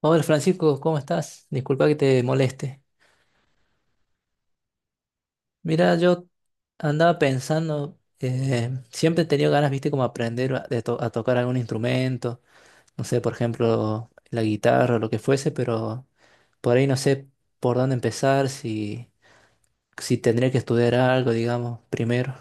Hola Francisco, ¿cómo estás? Disculpa que te moleste. Mira, yo andaba pensando, siempre he tenido ganas, viste, como aprender a tocar algún instrumento, no sé, por ejemplo, la guitarra o lo que fuese, pero por ahí no sé por dónde empezar, si tendría que estudiar algo, digamos, primero.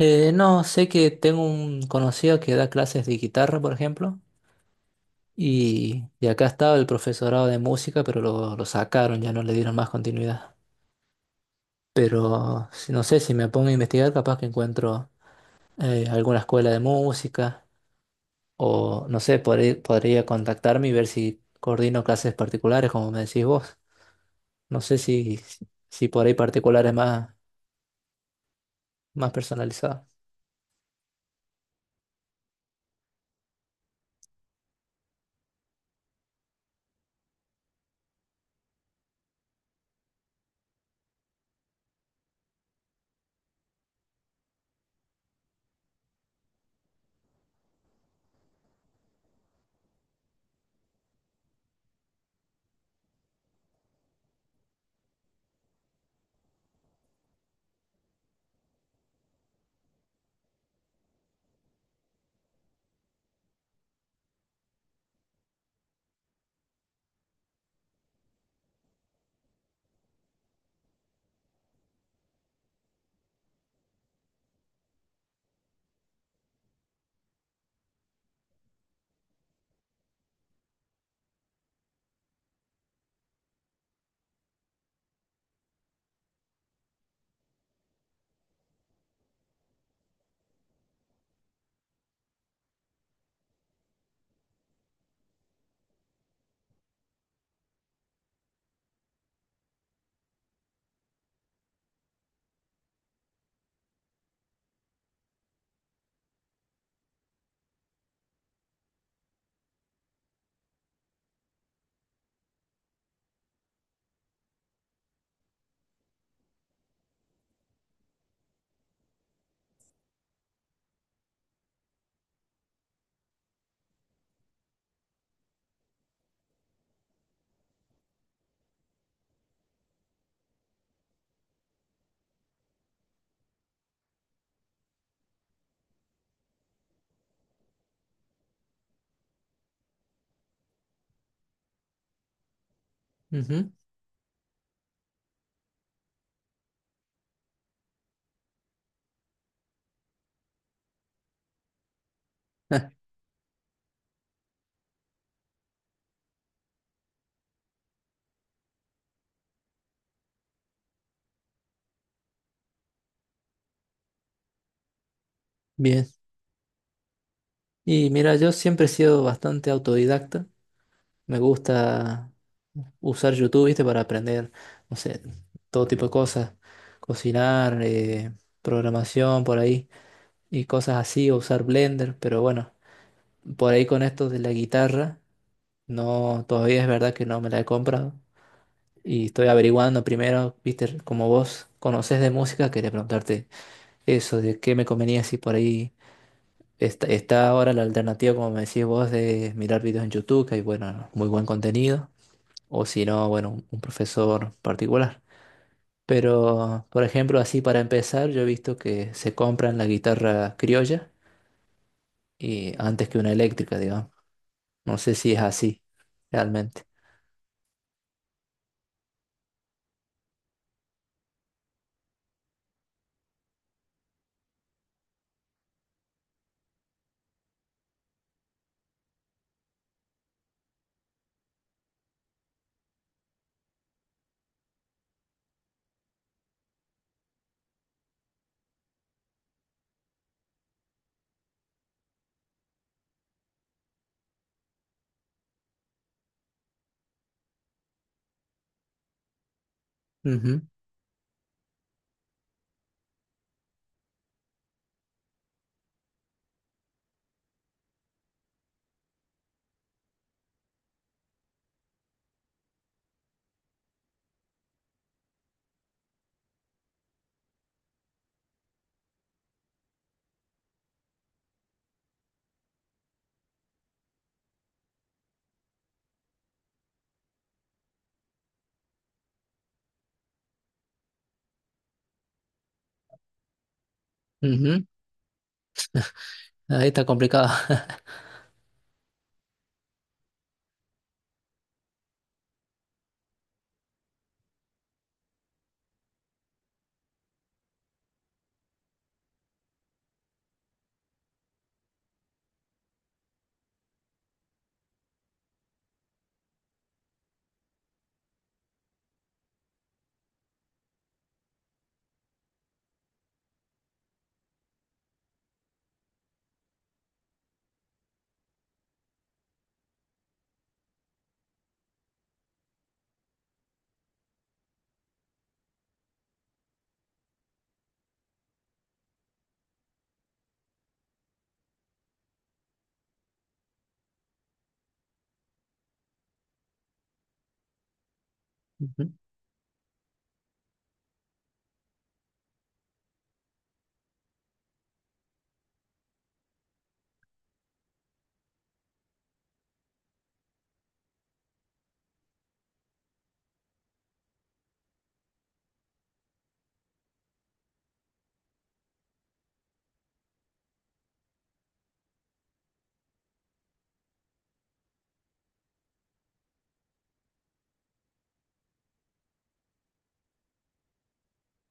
No, sé que tengo un conocido que da clases de guitarra, por ejemplo, y acá estaba el profesorado de música, pero lo sacaron, ya no le dieron más continuidad. Pero no sé, si me pongo a investigar, capaz que encuentro alguna escuela de música o no sé, podría contactarme y ver si coordino clases particulares, como me decís vos. No sé si por ahí particulares más, más personalizadas. Ujú. Ah, bien. Y mira, yo siempre he sido bastante autodidacta. Me gusta usar YouTube, ¿viste? Para aprender, no sé, todo tipo de cosas. Cocinar, programación, por ahí. Y cosas así, o usar Blender, pero bueno, por ahí con esto de la guitarra, no, todavía es verdad que no me la he comprado. Y estoy averiguando primero, viste, como vos conocés de música, quería preguntarte eso, de qué me convenía si por ahí está ahora la alternativa, como me decís vos, de mirar videos en YouTube, que hay, bueno, muy buen contenido, o si no, bueno, un profesor particular. Pero, por ejemplo, así para empezar, yo he visto que se compran la guitarra criolla y antes que una eléctrica, digamos. No sé si es así, realmente. Ujú, ujú. Ahí está complicado. Ujú,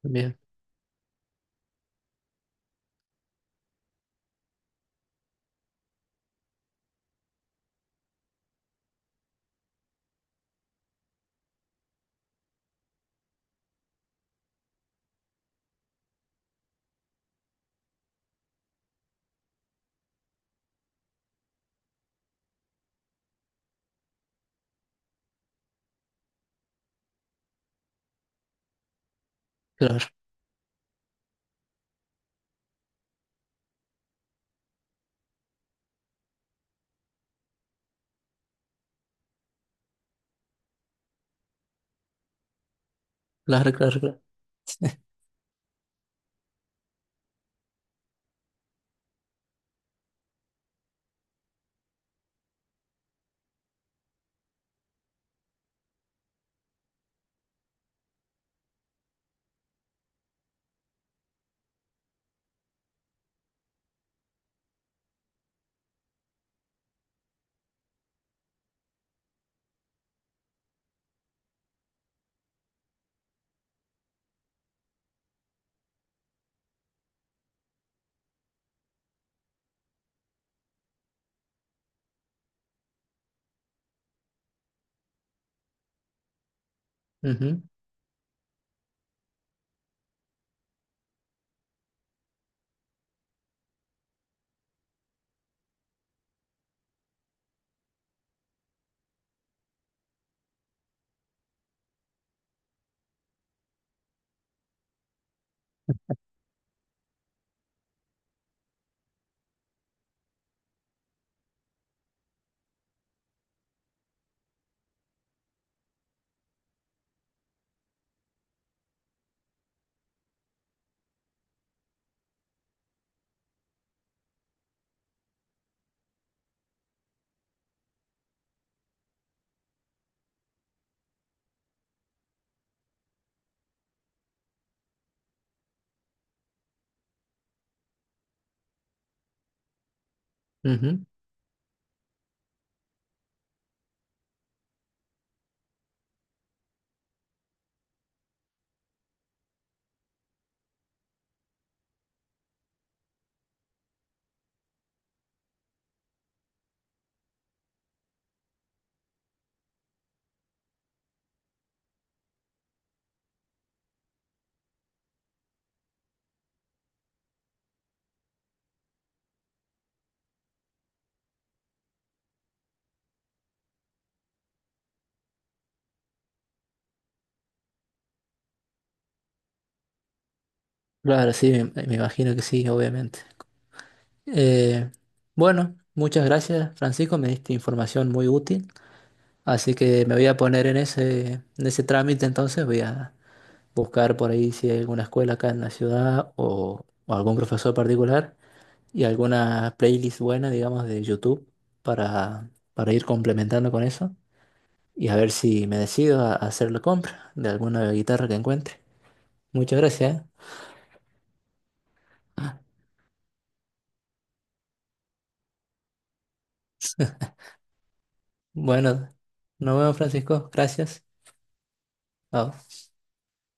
bien, claro, claro, claro, claro. Ujú, ujú. Claro, sí, me imagino que sí, obviamente. Eh, bueno, muchas gracias, Francisco, me diste información muy útil, así que me voy a poner en en ese trámite entonces, voy a buscar por ahí si hay alguna escuela acá en la ciudad o algún profesor particular y alguna playlist buena, digamos, de YouTube para ir complementando con eso y a ver si me decido a hacer la compra de alguna guitarra que encuentre. Muchas gracias, ¿eh? Bueno, nos vemos, Francisco. Gracias. Chao.